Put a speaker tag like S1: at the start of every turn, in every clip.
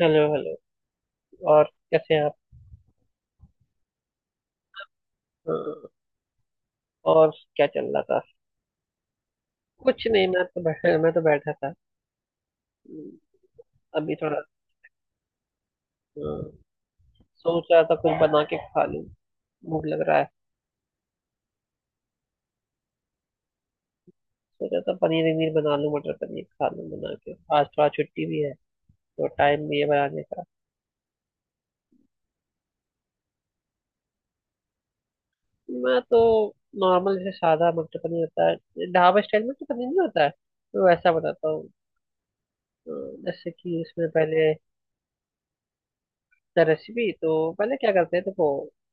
S1: Hello hello. और कैसे हैं आप? अ, और क्या चल रहा था। कुछ नहीं, मैं तो बैठा था। अम, अभी थोड़ा अ, सोच रहा था कुछ बना के खा लूं। भूख लग रहा है। सोच रहा था पनीर वनीर बना लूं, मटर पनीर खा लूं बना के। आज थोड़ा छुट्टी भी है तो टाइम भी है बनाने का। मैं तो नॉर्मल, जैसे सादा मटर पनीर होता है ढाबा स्टाइल में, तो पनीर नहीं होता है तो वैसा बनाता हूँ। अ, जैसे कि उसमें पहले द रेसिपी, तो पहले क्या करते हैं देखो।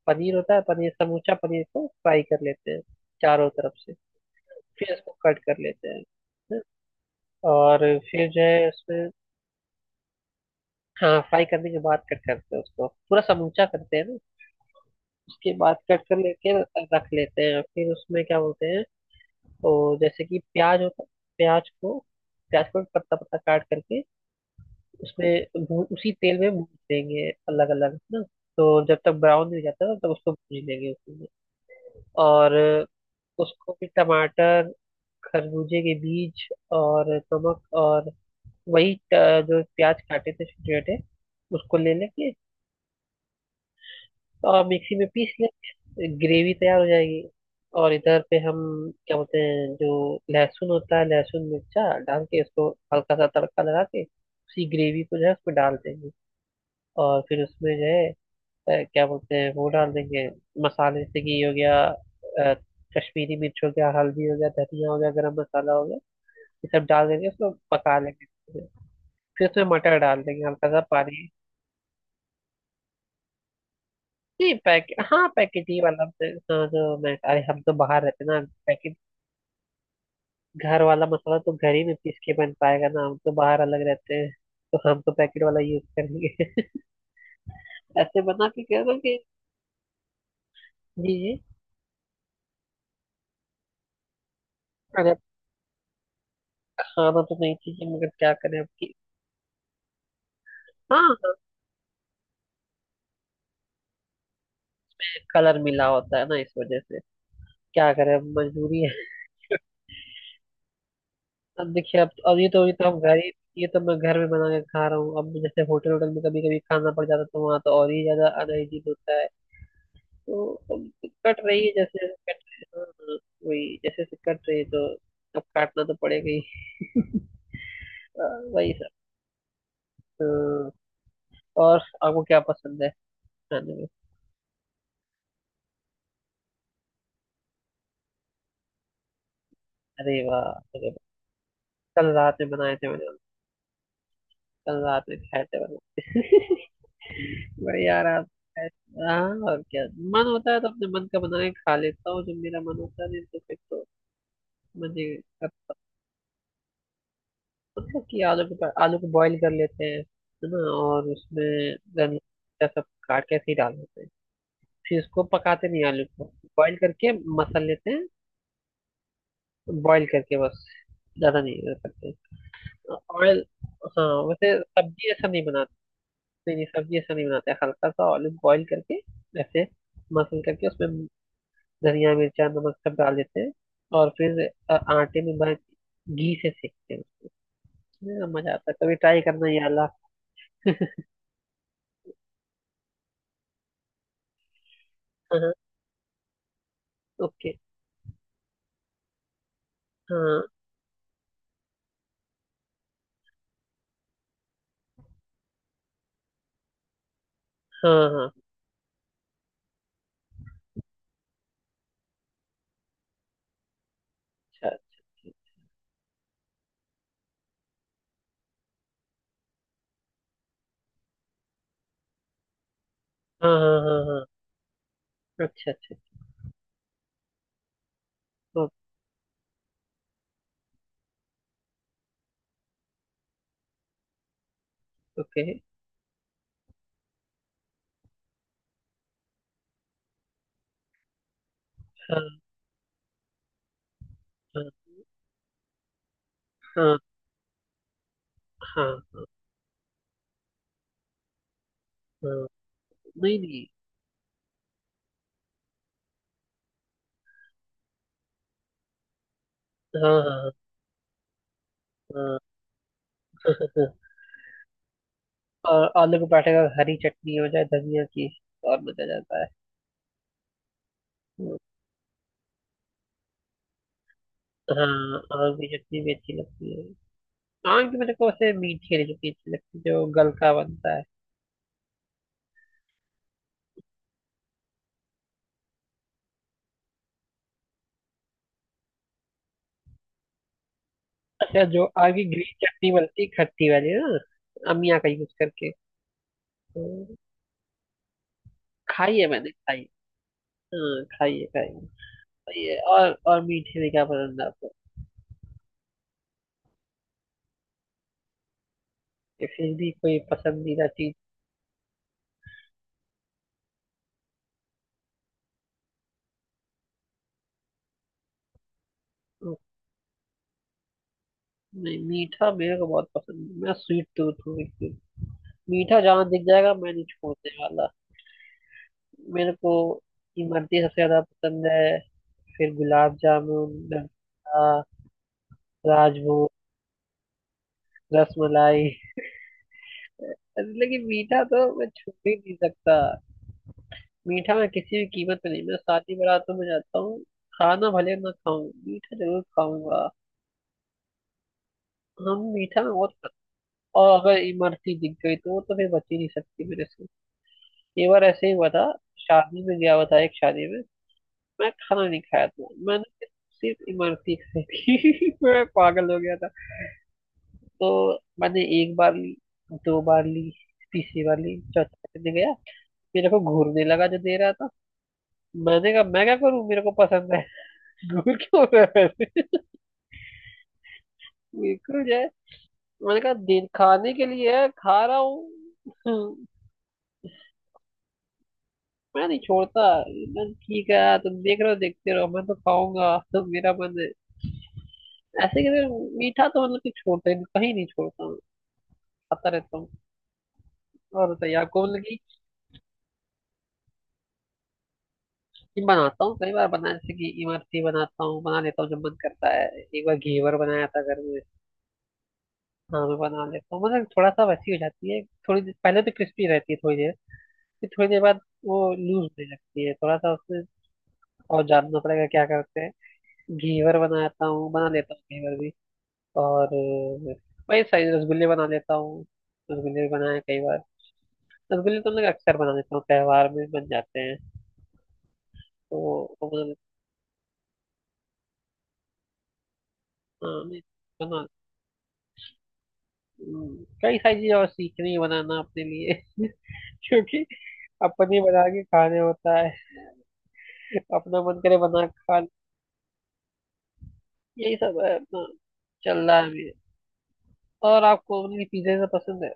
S1: पनीर होता है, पनीर समूचा पनीर को फ्राई कर लेते हैं चारों तरफ से। फिर इसको कट कर लेते हैं। हैं? और फिर जो है उसमें हाँ फ्राई करने के बाद कट करते हैं, उसको पूरा समूचा करते हैं ना, उसके बाद कट कर लेके रख लेते हैं। फिर उसमें क्या बोलते हैं तो जैसे कि प्याज होता है, प्याज को प्याज को पत्ता पत्ता काट करके उसमें भून, उसी तेल में भून देंगे अलग अलग ना। तो जब तक ब्राउन नहीं हो जाता ना तब उसको भून लेंगे उसमें। और उसको भी टमाटर, खरबूजे के बीज और नमक और वही जो प्याज काटे थे छोटे छोटे उसको ले लेंगे और मिक्सी में पीस लेंगे, ग्रेवी तैयार हो जाएगी। और इधर पे हम क्या बोलते हैं जो लहसुन होता है लहसुन मिर्चा डाल के उसको हल्का सा तड़का लगा के उसी ग्रेवी को जो है उसमें डाल देंगे। और फिर उसमें जो है क्या बोलते हैं वो डाल देंगे, मसाले, जैसे कि ये हो गया कश्मीरी मिर्च हो गया, हल्दी हो गया, धनिया हो गया, गरम मसाला हो गया। ये सब डाल देंगे, उसको पका लेंगे। फिर फिर उसमें मटर डाल देंगे, हल्का सा पानी। नहीं पैकेट, हाँ पैकेट ही वाला हाँ जो मैं, अरे हम तो बाहर रहते हैं ना पैकेट, घर वाला मसाला तो घर ही में पीस के बन पाएगा ना, हम तो बाहर अलग रहते हैं तो हम तो पैकेट वाला यूज करेंगे ऐसे बना के कह दो कि। जी जी। अरे अब, खाना तो नहीं चाहिए मगर क्या करें अब कि। हाँ, कलर मिला होता है ना इस वजह से। क्या करें अब, मजबूरी है। अब देखिए, अब ये तो हम घर ही, ये तो मैं घर में बना के खा रहा हूँ। अब जैसे होटल, होटल में कभी कभी खाना पड़ जाता तो वहाँ तो और ही ज्यादा अनहाइजीन होता है। तो अब कट रही है जैसे जैसे कट रही है, हाँ, हाँ, वही जैसे जैसे कट रही है। तो अब काटना तो पड़ेगा ही। हाँ, वही सब। हाँ, और आपको क्या पसंद है खाने में। अरे वाह, अरे वाह। कल रात में बनाए थे मैंने, कल रात में खाए थे भाई। बढ़िया आराम से खाए थे। हाँ और क्या, मन होता है तो अपने मन का बना के खा लेता हूँ जब मेरा मन होता है, नहीं तो फिर तो मजे करता हूँ। मतलब कि आलू को बॉईल कर लेते हैं, है ना, और उसमें धनिया सब काट के ऐसे ही डाल देते हैं। फिर उसको पकाते नहीं आलू को, बॉईल करके मसल लेते हैं। बॉईल करके बस, ज्यादा नहीं करते। ऑयल हाँ वैसे सब्जी ऐसा नहीं बनाते। नहीं नहीं सब्जी ऐसा नहीं बनाते हैं। हल्का सा ऑलिव बॉईल करके ऐसे मसल करके उसमें धनिया मिर्चा नमक सब डाल देते हैं। और फिर आटे में भर घी से सेकते हैं उसमें। हाँ, मजा आता है, कभी ट्राई करना ये वाला। हाँ हाँ। ओके। हाँ हाँ हाँ। अच्छा अच्छा, ठीक। हाँ हाँ हाँ हाँ। अच्छा अच्छा। ओ- ओके। हाँ हाँ हाँ हाँ हाँ। नहीं नहीं। हाँ हाँ हाँ हाँ, हाँ। और आलू के पराठे का हरी चटनी हो जाए धनिया की और मजा आ जाता है। हाँ आम की चटनी भी अच्छी लगती है। आम की मेरे को वैसे मीठी वाली चटनी अच्छी लगती है जो गलका बनता है। अच्छा जो आम की ग्रीन चटनी बनती है खट्टी वाली ना अमिया का यूज करके, तो खाई है मैंने, खाई। हाँ खाई है, खाई है, खाई है। और मीठे में क्या पसंद है आपको, या फिर भी कोई पसंदीदा चीज। नहीं मीठा मेरे को बहुत पसंद है, मैं स्वीट टूथ हूँ बिल्कुल। मीठा जहाँ दिख जाएगा मैं नहीं छोड़ने वाला। मेरे को इमरती सबसे ज्यादा पसंद है, फिर गुलाब जामुन, रसगुल्ला, राजभोग, रसमलाई। लेकिन मीठा तो मैं छू ही नहीं सकता। मीठा मैं किसी भी कीमत पे नहीं, मैं शादी बारातों में जाता हूँ खाना भले ना खाऊं मीठा जरूर खाऊंगा। हम मीठा में बहुत खाते हैं। और अगर इमरती दिख गई तो वो तो फिर बच ही नहीं सकती मेरे से। एक बार ऐसे ही हुआ था, शादी में गया हुआ था एक शादी में, मैं खाना नहीं खाया था मैंने, सिर्फ इमरती खाई थी। मैं पागल हो गया था। तो मैंने एक बार ली, दो बार ली, तीसरी बार ली, चौथी दिन गया, मेरे को घूरने लगा जो दे रहा था। मैंने कहा मैं क्या करूं, मेरे को पसंद है। घूर क्यों रहा है बिल्कुल जो है, मैंने कहा दिन खाने के लिए है, खा रहा हूँ। मैं नहीं छोड़ता मैं, ठीक है तुम देख रहे हो देखते रहो, मैं तो खाऊंगा तो मेरा मन है, ऐसे कहते हैं। मीठा तो मतलब कि छोड़ता ही कहीं नहीं छोड़ता मैं, खाता रहता हूँ। और बताइए आपको मतलब कि ये बनाता हूँ कई बार, बना जैसे कि इमरती बनाता हूँ, बना लेता हूँ जब मन करता है। एक बार घेवर बनाया था घर में। हाँ मैं बना लेता हूँ, मतलब थोड़ा सा वैसी हो जाती है, थोड़ी देर पहले तो क्रिस्पी रहती है थोड़ी देर, फिर थोड़ी देर बाद वो लूज होने लगती है थोड़ा सा उसमें। और जानना पड़ेगा क्या करते हैं। घेवर बनाता हूँ, बना लेता हूँ घेवर भी। और वही साइज रसगुल्ले बना लेता हूँ। रसगुल्ले भी बनाए कई बार। रसगुल्ले तो मैं अक्सर बना लेता हूँ, त्योहार में बन जाते हैं तो वो बना लेता हूँ। हाँ, मैं बना, कई सारी चीजें और सीखनी है बनाना अपने लिए। क्योंकि अपने बना के खाने होता है, अपना मन करे बना के खा लो। यही सब है अपना, चल रहा है अभी। और आपको उनकी पिज्जा से पसंद है,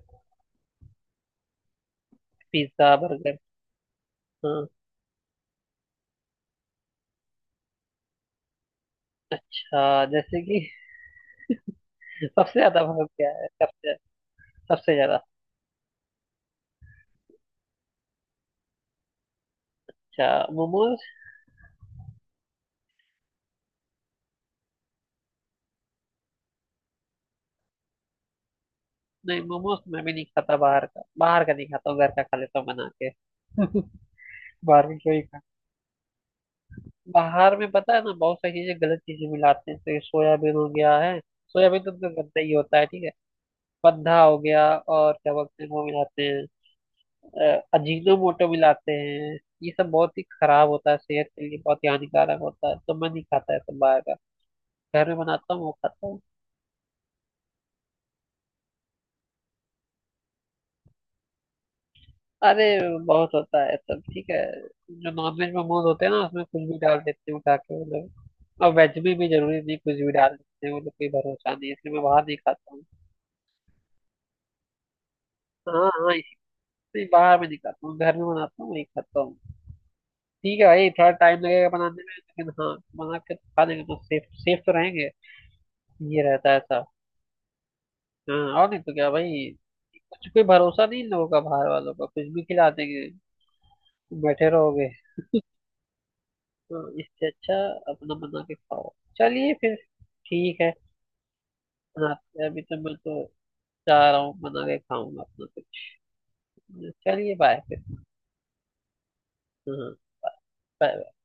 S1: पिज्जा बर्गर। हाँ। अच्छा जैसे कि सबसे ज्यादा पसंद क्या है, सबसे सबसे ज्यादा। अच्छा, मोमोज। नहीं मोमोज तो मैं भी नहीं खाता, बाहर का, बाहर का नहीं खाता हूँ, घर का खा लेता हूँ बना के। बाहर का क्यों ही, बाहर में पता है ना बहुत सारी चीजें, गलत चीजें मिलाते हैं, तो ये सोयाबीन हो गया है, सोयाबीन तो गंदा ही होता है ठीक है, पद्धा हो गया और क्या बोलते हैं वो मिलाते हैं, अजीनोमोटो मिलाते हैं, ये सब बहुत ही खराब होता है सेहत के लिए, बहुत ही हानिकारक होता है तो मैं नहीं खाता है सब बाहर का, घर में बनाता हूँ वो खाता हूँ। अरे बहुत होता है सब ठीक है, जो नॉनवेज मोमोज होते हैं ना उसमें कुछ भी डाल देते हैं उठा के वो लोग, और वेज में भी जरूरी नहीं, कुछ भी डाल देते हैं वो लोग, कोई भरोसा नहीं है, इसलिए मैं बाहर नहीं खाता हूँ। हाँ हाँ। नहीं बाहर में नहीं खाता हूँ, घर में बनाता हूँ वही खाता हूँ। ठीक है भाई, थोड़ा टाइम लगेगा बनाने में लेकिन हाँ बना के खा लेंगे तो सेफ, सेफ तो रहेंगे। ये रहता है ऐसा। हाँ और नहीं तो क्या भाई, कुछ कोई भरोसा नहीं इन लोगों का बाहर वालों का, कुछ भी खिला देंगे, बैठे रहोगे। तो इससे अच्छा अपना बना के खाओ। चलिए फिर, ठीक है, बनाते हैं। अभी तो मैं तो जा रहा हूँ, बना के खाऊंगा अपना कुछ। चलिए बाय फिर। हाँ bye, bye।